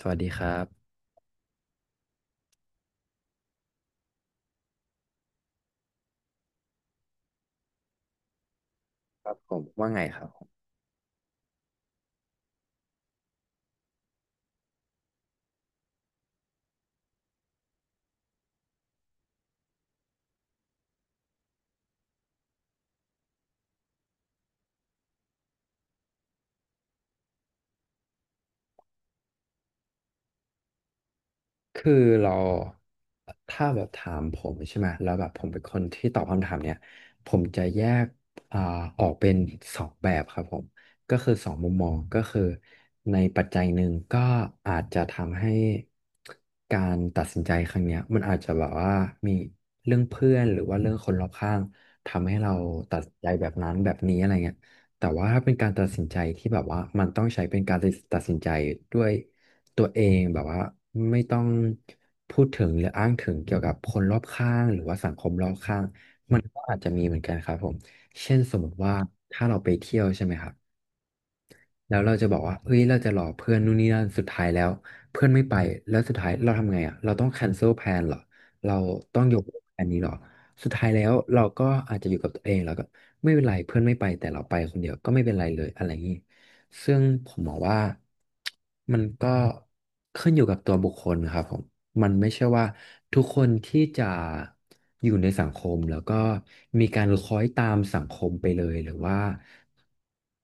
สวัสดีครับครับผมว่าไงครับ คือเราถ้าแบบถามผมใช่ไหมแล้วแบบผมเป็นคนที่ตอบคำถามเนี้ยผมจะแยกอ่าออกเป็นสองแบบครับผมก็คือสองมุมมองก็คือในปัจจัยหนึ่งก็อาจจะทำให้การตัดสินใจครั้งเนี้ยมันอาจจะแบบว่ามีเรื่องเพื่อนหรือว่าเรื่องคนรอบข้างทำให้เราตัดสินใจแบบนั้นแบบนี้อะไรเงี้ยแต่ว่าถ้าเป็นการตัดสินใจที่แบบว่ามันต้องใช้เป็นการตัดสินใจด้วย ตัวเองแบบว่าไม่ต้องพูดถึงหรืออ้างถึงเกี่ยวกับคนรอบข้างหรือว่าสังคมรอบข้างมันก็อาจจะมีเหมือนกันครับผมเช่นสมมติว่าถ้าเราไปเที่ยวใช่ไหมครับ แล้วเราจะบอกว่าเฮ้ยเราจะหลอกเพื่อนนู่นนี่นั่นสุดท้ายแล้วเพื่อนไม่ไปแล้วสุดท้ายเราทำไงอ่ะเราต้องแคนเซิลแพลนเหรอเราต้องยกเลิกแพลนนี้เหรอสุดท้ายแล้วเราก็อาจจะอยู่กับตัวเองแล้วก็ไม่เป็นไรเพื่อนไม่ไปแต่เราไปคนเดียวก็ไม่เป็นไรเลยอะไรอย่างนี้ซึ่งผมมองว่ามันก็ขึ้นอยู่กับตัวบุคคลครับผม มันไม่ใช่ว่าทุกคนที่จะอยู่ในสังคมแล้วก็มีการคล้อยตามสังคมไปเลยหรือว่า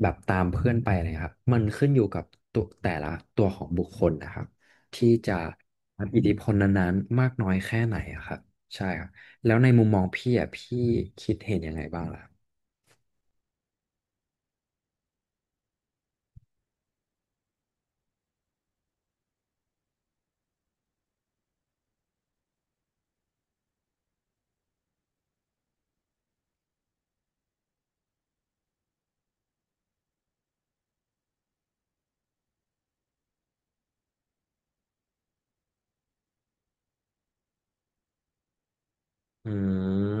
แบบตามเพื่อนไปอะไรครับมันขึ้นอยู่กับตัวแต่ละตัวของบุคคลนะครับที่จะรับอิทธิพลนั้นๆมากน้อยแค่ไหนอะครับใช่ครับแล้วในมุมมองพี่อ่ะพี่คิดเห็นยังไงบ้างล่ะอืม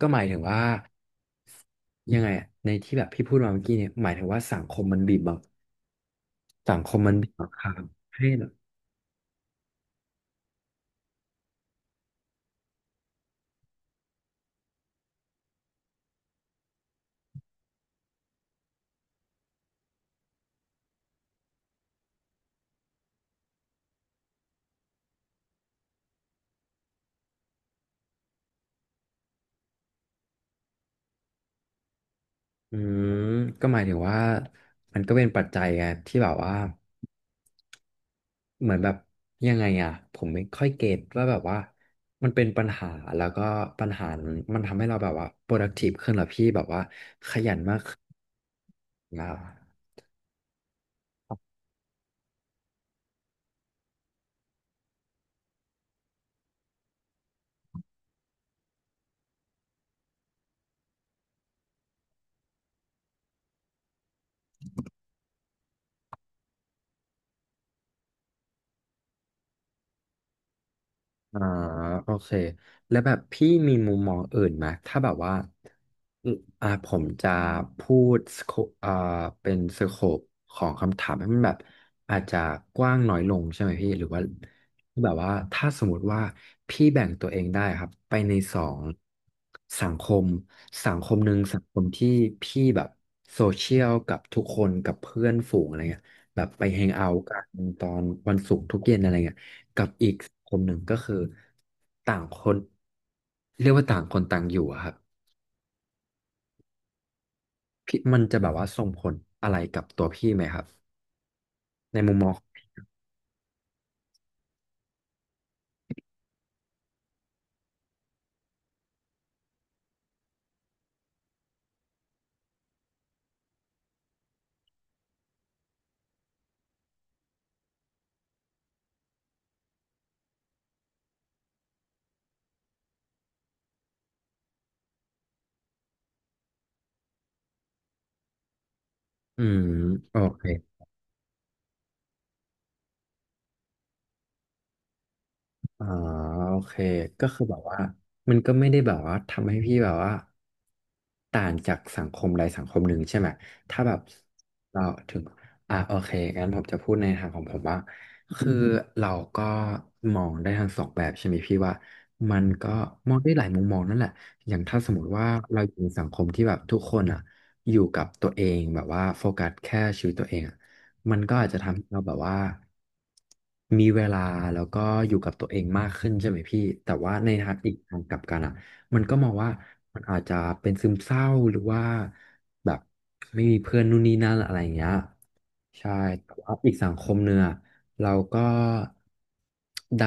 ก็หมายถึงว่ายังไงอะในที่แบบพี่พูดมาเมื่อกี้เนี่ยหมายถึงว่าสังคมมันบีบบัง สังคมมันมีสงครามให้เหรออืม ก็หมายถึงว่ามันก็เป็นปัจจัยไงที่แบบว่าเหมือนแบบยังไงอ่ะผมไม่ค่อยเก็ตว่าแบบว่ามันเป็นปัญหาแล้วก็ปัญหานั้นมันทำให้เราแบบว่า productive ขึ้นเหรอพี่แบบว่าขยันมากขึ้นนะ อ่าโอเคแล้วแบบพี่มีมุมมองอื่นไหมถ้าแบบว่าอมผมจะพูดสโคอ่าเป็นสโคปของคำถามให้มันแบบอาจจะกว้างน้อยลงใช่ไหมพี่หรือว่าแบบว่าถ้าสมมติว่าพี่แบ่งตัวเองได้ครับไปในสองสังคมหนึ่งสังคมที่พี่แบบโซเชียลกับทุกคนกับเพื่อนฝูงอะไรเงี้ยแบบไปแฮงเอาท์กันตอนวันศุกร์ทุกเย็นอะไรเงี้ย กับอีกคนหนึ่งก็คือต่างคนเรียกว่าต่างคนต่างอยู่อะครับพี่มันจะแบบว่าส่งผลอะไรกับตัวพี่ไหมครับในมุมมองอืมโอเค อ่าโอเคก็คือแบบว่ามันก็ไม่ได้แบบว่าทำให้พี่แบบว่าต่างจากสังคมใดสังคมหนึ่งใช่ไหมถ้าแบบเราถึงโอเคงั้นผมจะพูดในทางของผมว่าคือเราก็มองได้ทั้งสองแบบใช่ไหมพี่ว่ามันก็มองได้หลายมุมมองนั่นแหละอย่างถ้าสมมติว่าเราอยู่ในสังคมที่แบบทุกคนอ่ะอยู่กับตัวเองแบบว่าโฟกัสแค่ชีวิตตัวเองอะ มันก็อาจจะทำให้เราแบบว่ามีเวลาแล้วก็อยู่กับตัวเองมากขึ้นใช่ไหมพี่แต่ว่าในทางอีกทางกลับกันอ่ะมันก็มองว่ามันอาจจะเป็นซึมเศร้าหรือว่าแบบไม่มีเพื่อนนู่นนี่นั่นอะไรอย่างเงี้ยใช่แต่ว่าอีกสังคมเนื้อะเราก็ได้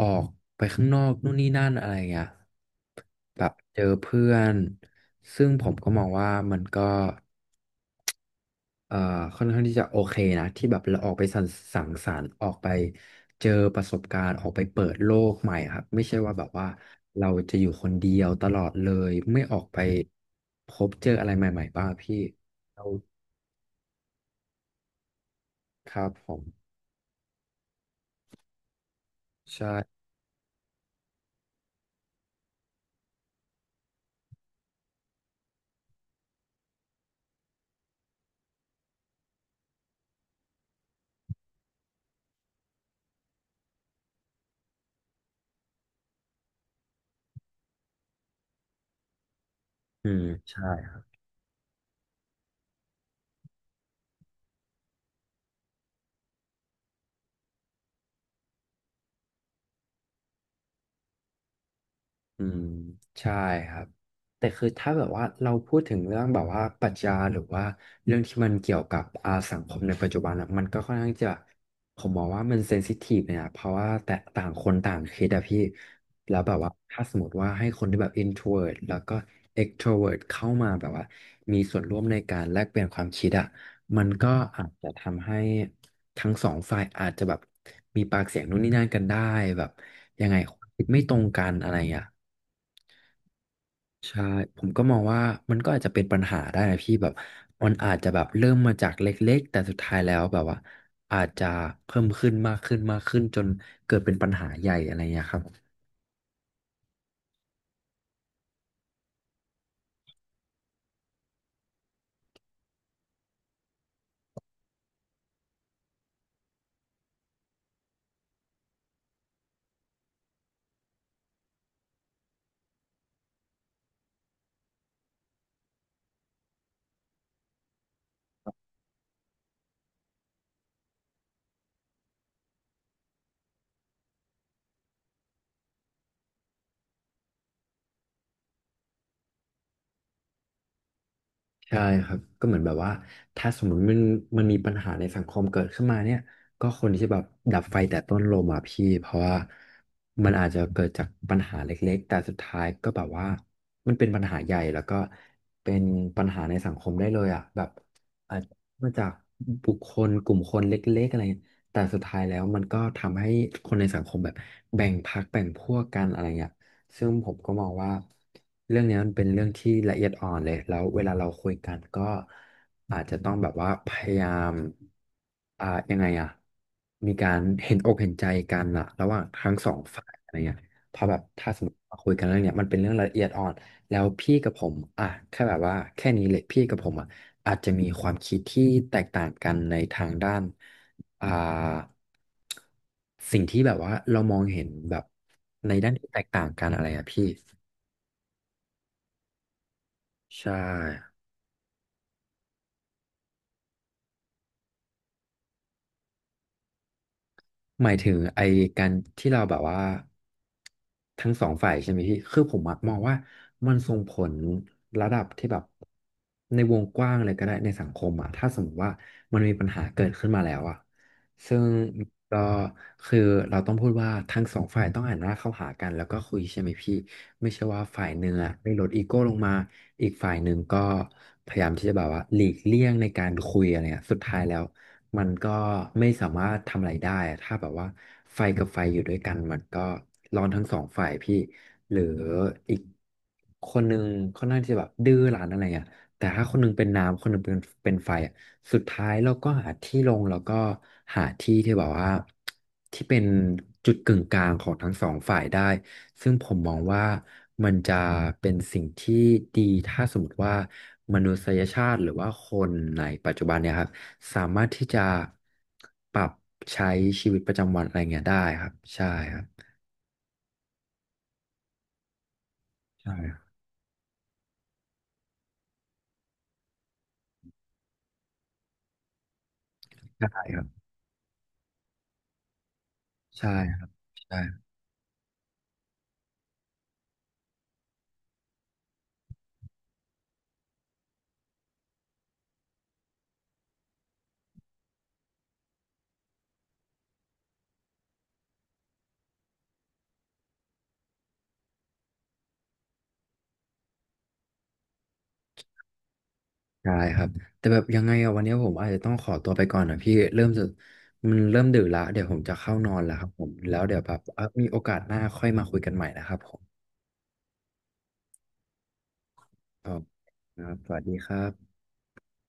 ออกไปข้างนอกนู่นนี่นั่นอะไรอย่างเงี้ยแบบเจอเพื่อนซึ่งผมก็มองว่ามันก็ เอ่อค่อนข้างที่จะโอเคนะที่แบบเราออกไปสังสรรค์ออกไปเจอประสบการณ์ออกไปเปิดโลกใหม่ครับไม่ใช่ว่าแบบว่าเราจะอยู่คนเดียวตลอดเลยไม่ออกไปพบเจออะไรใหม่ๆบ้างพี่เราครับผมใช่อืมใช่ อืมใช่ครับแต่คือถ้าแบบว่าเราพูดถึงเรื่องแบบว่าปรัชญาหรือว่าเรื่องที่มันเกี่ยวกับอาสังคมในปัจจุบันอะมันก็ค่อนข้างจะผมมองว่ามันเซนซิทีฟเนี่ยนะเพราะว่าแต่ต่างคนต่างคิดอะพี่แล้วแบบว่าถ้าสมมติว่าให้คนที่แบบ introvert แล้วก็ extrovert เข้ามาแบบว่ามีส่วนร่วมในการแลกเปลี่ยนความคิดอะมันก็อาจจะทำให้ทั้งสองฝ่ายอาจจะแบบมีปากเสียงนู่นนี่นั่นกันได้แบบยังไงคิดไม่ตรงกันอะไรอย่างเงี้ย ใช่ผมก็มองว่ามันก็อาจจะเป็นปัญหาได้นะพี่แบบมันอาจจะแบบเริ่มมาจากเล็กๆแต่สุดท้ายแล้วแบบว่าอาจจะเพิ่มขึ้นมากขึ้นมากขึ้นจนเกิดเป็นปัญหาใหญ่อะไรเงี้ยครับ ใช่ครับก็เหมือนแบบว่าถ้าสมมติมันมีปัญหาในสังคมเกิดขึ้นมาเนี่ยก็คนที่จะแบบดับไฟแต่ต้นลมอ่ะพี่เพราะว่ามันอาจจะเกิดจากปัญหาเล็กๆแต่สุดท้ายก็แบบว่ามันเป็นปัญหาใหญ่แล้วก็เป็นปัญหาในสังคมได้เลยอ่ะแบบอาจจะมาจากบุคคลกลุ่มคนเล็กๆอะไรเงี้ยแต่สุดท้ายแล้วมันก็ทำให้คนในสังคมแบบแบ่งพรรคแบ่งพวกกันอะไรเงี้ย ซึ่งผมก็มองว่าเรื่องเนี้ยมันเป็นเรื่องที่ละเอียดอ่อนเลย แล้วเวลาเราคุยกันก็อาจจะต้องแบบว่าพยายามยังไงอะมีการเห็นอกเห็นใจกันอะระหว่างทั้งสองฝ่ายอะไรเงี้ยเพราะแบบถ้าสมมติว่าคุยกันเรื่องเนี้ยมันเป็นเรื่องละเอียดอ่อน แล้วพี่กับผมอ่ะแค่แบบว่าแค่นี้เลยพี่กับผมอ่ะอาจจะมีความคิดที่แตกต่างกันในทางด้านอ่าสิ่งที่แบบว่าเรามองเห็นแบบในด้านที่แตกต่างกันอะไรอ่ะพี่ใช่หมายถึงไอ้การที่เราแบบว่าทั้งสองฝ่ายใช่ไหมพี่คือผมอะมองว่ามันส่งผลระดับที่แบบในวงกว้างเลยก็ได้ในสังคมอะถ้าสมมติว่ามันมีปัญหาเกิดขึ้นมาแล้วอะ ซึ่งก็คือเราต้องพูดว่าทั้งสองฝ่ายต้องหันหน้าเข้าหากันแล้วก็คุยใช่ไหมพี่ไม่ใช่ว่าฝ่ายหนึ่งอะได้ลดอีโก้ลงมาอีกฝ่ายหนึ่งก็พยายามที่จะแบบว่าหลีกเลี่ยงในการคุยอะไรเงี้ยสุดท้ายแล้วมันก็ไม่สามารถทำอะไรได้อะถ้าแบบว่าไฟกับไฟอยู่ด้วยกันมันก็ร้อนทั้งสองฝ่ายพี่หรืออีกคนหนึ่งค่อนข้างที่จะแบบดื้อรั้นอะไรเงี้ยแต่ถ้าคนหนึงเป็นน้ำคนหนึงเป็นไฟอะ สุดท้ายเราก็หาที่ลงแล้วก็หาที่ที่แบบว่าที่เป็นจุดกึ่งกลางของทั้งสองฝ่ายได้ซึ่งผมมองว่ามันจะเป็นสิ่งที่ดีถ้าสมมติว่ามนุษยชาติหรือว่าคนในปัจจุบันเนี่ยครับสามารถที่จะปรับใช้ชีวิตประจำวันอะไรเงี้ยได้ครับใช่ครับใช่ครับใช่ครับใช่ครับ ได้ครับแต่แบบยังไงอะวันนี้ผมอาจจะต้องขอตัวไปก่อนนะพี่เริ่มจะมันเริ่มดึกละเดี๋ยวผมจะเข้านอนแล้วครับผมแล้วเดี๋ยวแบบมีโอกาสหน้าค่อยมาคุยกันใหม่นะครับผมครับครับสวัสดีครับ